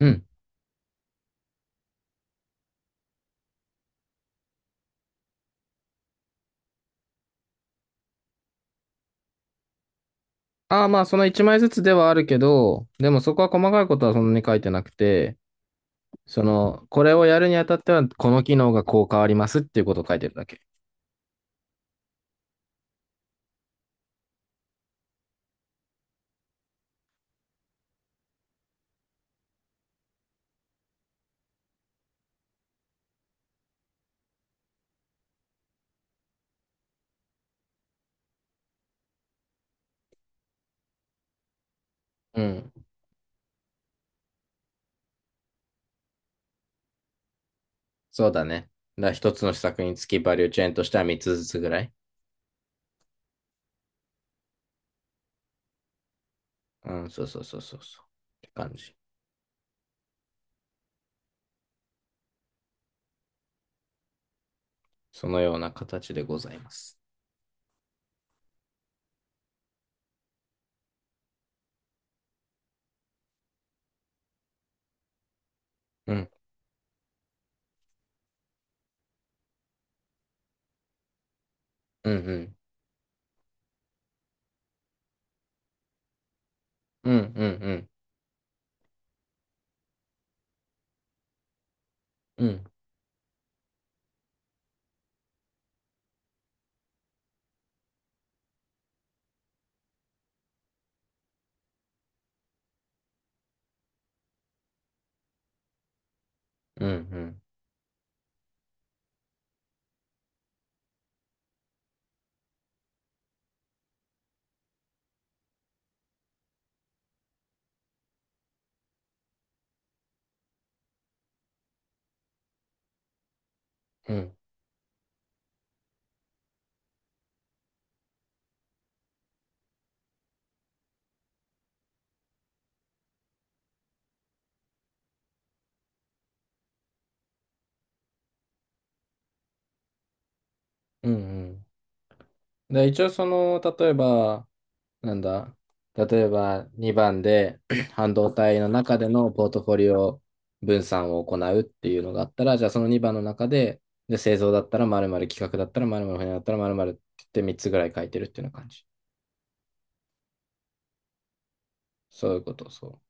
うん。ああ、まあ、その1枚ずつではあるけど、でもそこは細かいことはそんなに書いてなくて、その、これをやるにあたっては、この機能がこう変わりますっていうことを書いてるだけ。うん。そうだね。だから一つの施策につきバリューチェーンとしては3つずつぐらい。うん、そうそうそうそうそう、って感じ。そのような形でございます。うん、うん、うん、うん、うん、うん、うん、うん、うん、うん、うん。うんで、一応その、例えば、なんだ、例えば2番で 半導体の中でのポートフォリオ分散を行うっていうのがあったら、じゃあその2番の中で、で製造だったら〇〇、企画だったら〇〇、船だったら〇〇って言って3つぐらい書いてるっていうような感じ。そういうこと、そ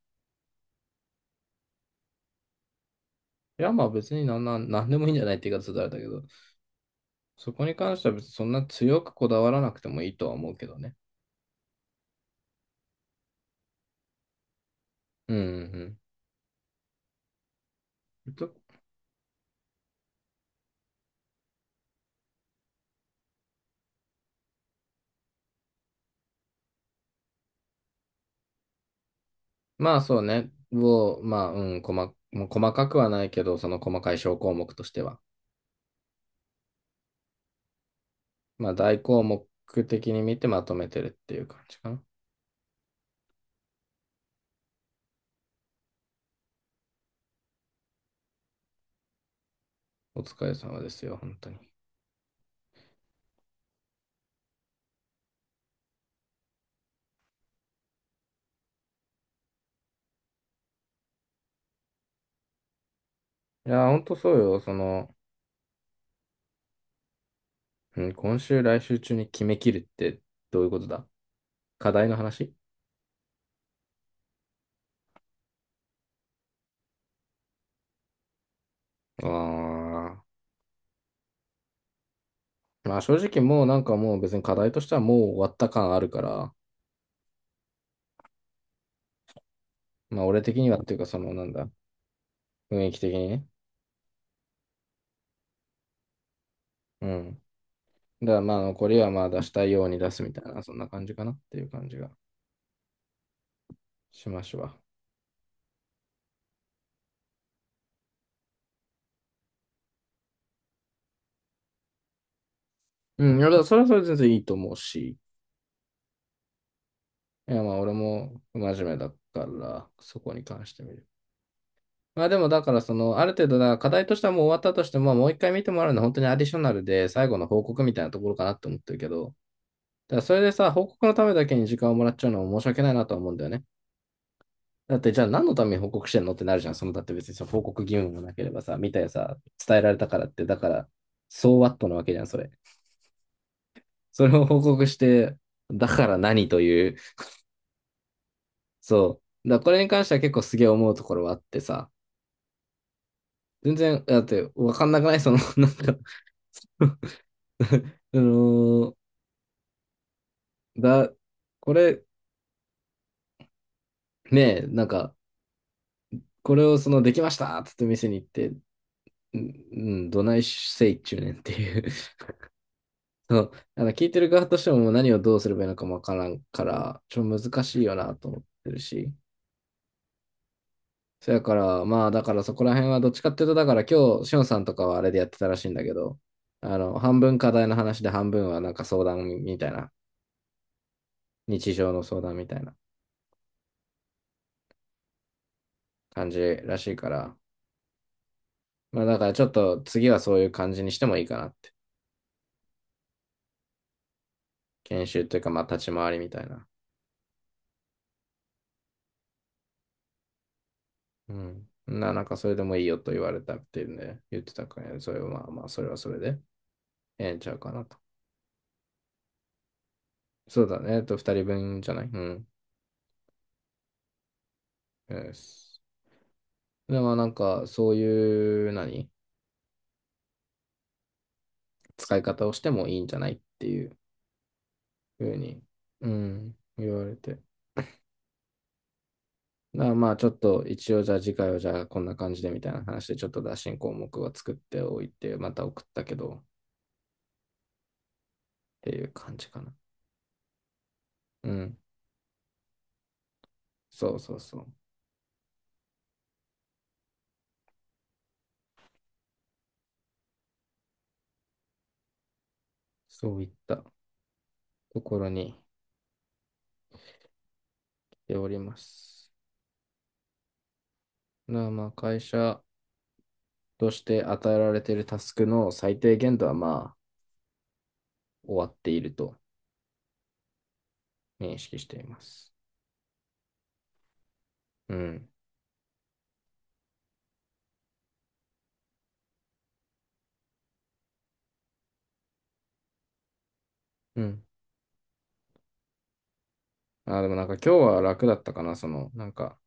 う。いや、まあ別になんでもいいんじゃないって言い方だれだけど、そこに関しては別にそんな強くこだわらなくてもいいとは思うけどね。うんうんうん。とまあそうね。を、まあ、うん、もう細かくはないけど、その細かい小項目としては。まあ、大項目的に見てまとめてるっていう感じかな。お疲れ様ですよ、本当に。いや本当そうよ。その、うん、今週、来週中に決めきるってどういうことだ。課題の話。ああ、まあ、正直もうなんかもう別に課題としてはもう終わった感あるから、まあ、俺的にはっていうか、その、なんだ、雰囲気的にね。うん。だからまあ、残りはまあ出したいように出すみたいな、そんな感じかなっていう感じがしましわ。うん、いや、だからそれはそれで全然いいと思うし。いや、まあ、俺も不真面目だから、そこに関してみる。まあ、でも、だから、その、ある程度、だ課題としてはもう終わったとしても、まあ、もう一回見てもらうのは本当にアディショナルで、最後の報告みたいなところかなって思ってるけど、だからそれでさ、報告のためだけに時間をもらっちゃうのも申し訳ないなとは思うんだよね。だって、じゃあ何のために報告してんのってなるじゃん。その、だって別にその報告義務もなければさ、見たよさ、伝えられたからって、だから、そうワットなわけじゃん、それ。それを報告して、だから何という、そう。だからこれに関しては結構すげえ思うところはあってさ、全然、だってわかんなくない その、なんか あのーだ、これ、ねえ、なんか、これをその、できましたっつって店に行って、うん、うんどないせいっちゅうねんっていう その、あの、聞いてる側としてももう何をどうすればいいのかもわからんから、ちょっと難しいよなと思ってるし。そやから、まあ、だからそこら辺はどっちかっていうと、だから今日、しおんさんとかはあれでやってたらしいんだけど、あの、半分課題の話で半分はなんか相談みたいな、日常の相談みたいな感じらしいから、まあだからちょっと次はそういう感じにしてもいいかなって。研修というかまあ立ち回りみたいな。うん。なんかそれでもいいよと言われたっていうんで言ってたからね。それはまあまあそれはそれでええんちゃうかなと。そうだね。えっと、二人分じゃないうん。よしでもなんかそういう何使い方をしてもいいんじゃないっていうふうに、うん、言われて。だからまあちょっと一応じゃあ次回はじゃあこんな感じでみたいな話でちょっと打診項目は作っておいてまた送ったけどっていう感じかな。うん。そうそうそう。そういったところに来ております。なあまあ会社として与えられているタスクの最低限度はまあ終わっていると認識しています。うん。うん。あ、でもなんか今日は楽だったかな。その、なんか、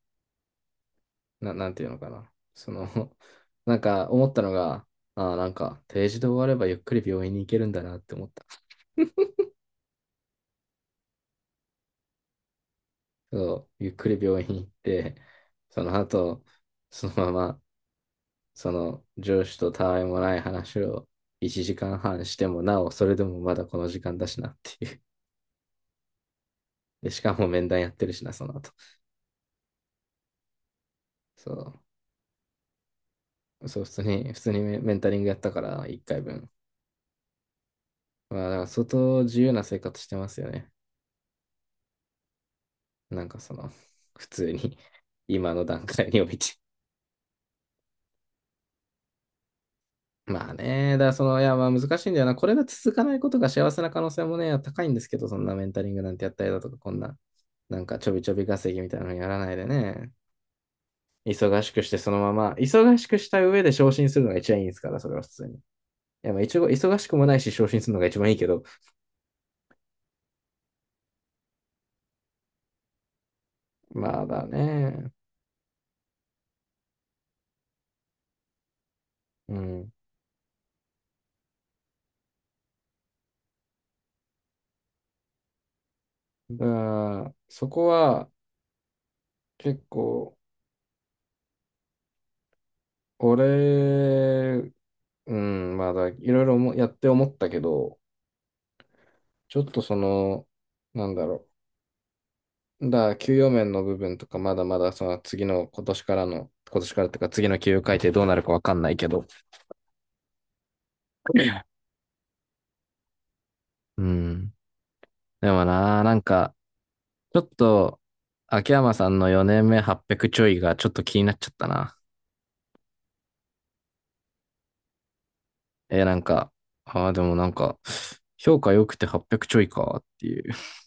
な、なんていうのかな。その なんか思ったのが、あ、なんか定時で終わればゆっくり病院に行けるんだなって思った。そう、ゆっくり病院に行って、その後、そのままその上司とたわいもない話を1時間半してもなお、それでもまだこの時間だしなっていう。で、しかも面談やってるしな、その後。そう。そう、普通にメンタリングやったから、1回分。まあ、だから相当自由な生活してますよね。なんかその、普通に 今の段階において。まあね、だからその、いや、まあ難しいんだよな。これが続かないことが幸せな可能性もね、高いんですけど、そんなメンタリングなんてやったりだとか、こんな、なんかちょびちょび稼ぎみたいなのやらないでね、忙しくしてそのまま、忙しくした上で昇進するのが一番いいですから、それは普通に。いや、まあ一応、忙しくもないし昇進するのが一番いいけど、まあだね。うん。だからそこは結構、俺、うん、まあだ、いろいろもやって思ったけど、ちょっとその、なんだろう。だから給与面の部分とか、まだまだその次の今年からっていうか次の給与改定どうなるかわかんないけど。うん。でもな、なんか、ちょっと、秋山さんの4年目800ちょいがちょっと気になっちゃったな。えーなんか、ああ、でもなんか、評価良くて800ちょいかっていう。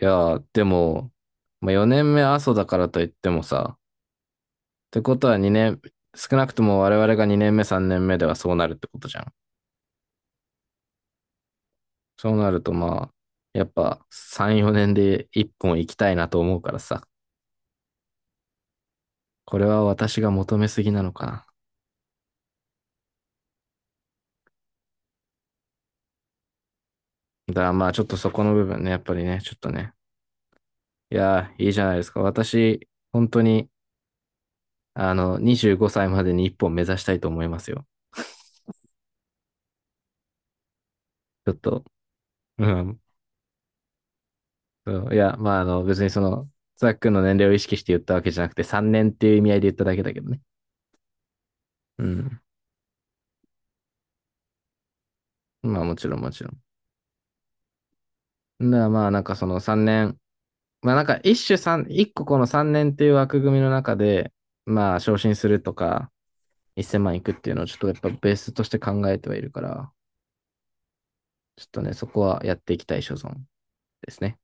いやー、でも、まあ、4年目阿蘇だからといってもさ、ってことは2年、少なくとも我々が2年目3年目ではそうなるってことじゃん。そうなるとまあ、やっぱ3、4年で1本行きたいなと思うからさ、これは私が求めすぎなのかな。だからまあちょっとそこの部分ね、やっぱりね、ちょっとね、いやー、いいじゃないですか。私、本当に、あの、25歳までに一本目指したいと思いますよ。ちょっと、うん。そういや、まあ、あの、別にその、ザックの年齢を意識して言ったわけじゃなくて、3年っていう意味合いで言っただけだけどね。うん。まあ、もちろん、もちろん。だからまあ、なんかその3年、まあ、なんか一種三一個この3年っていう枠組みの中で、まあ、昇進するとか、1,000万いくっていうのをちょっとやっぱベースとして考えてはいるから、ちょっとね、そこはやっていきたい所存ですね。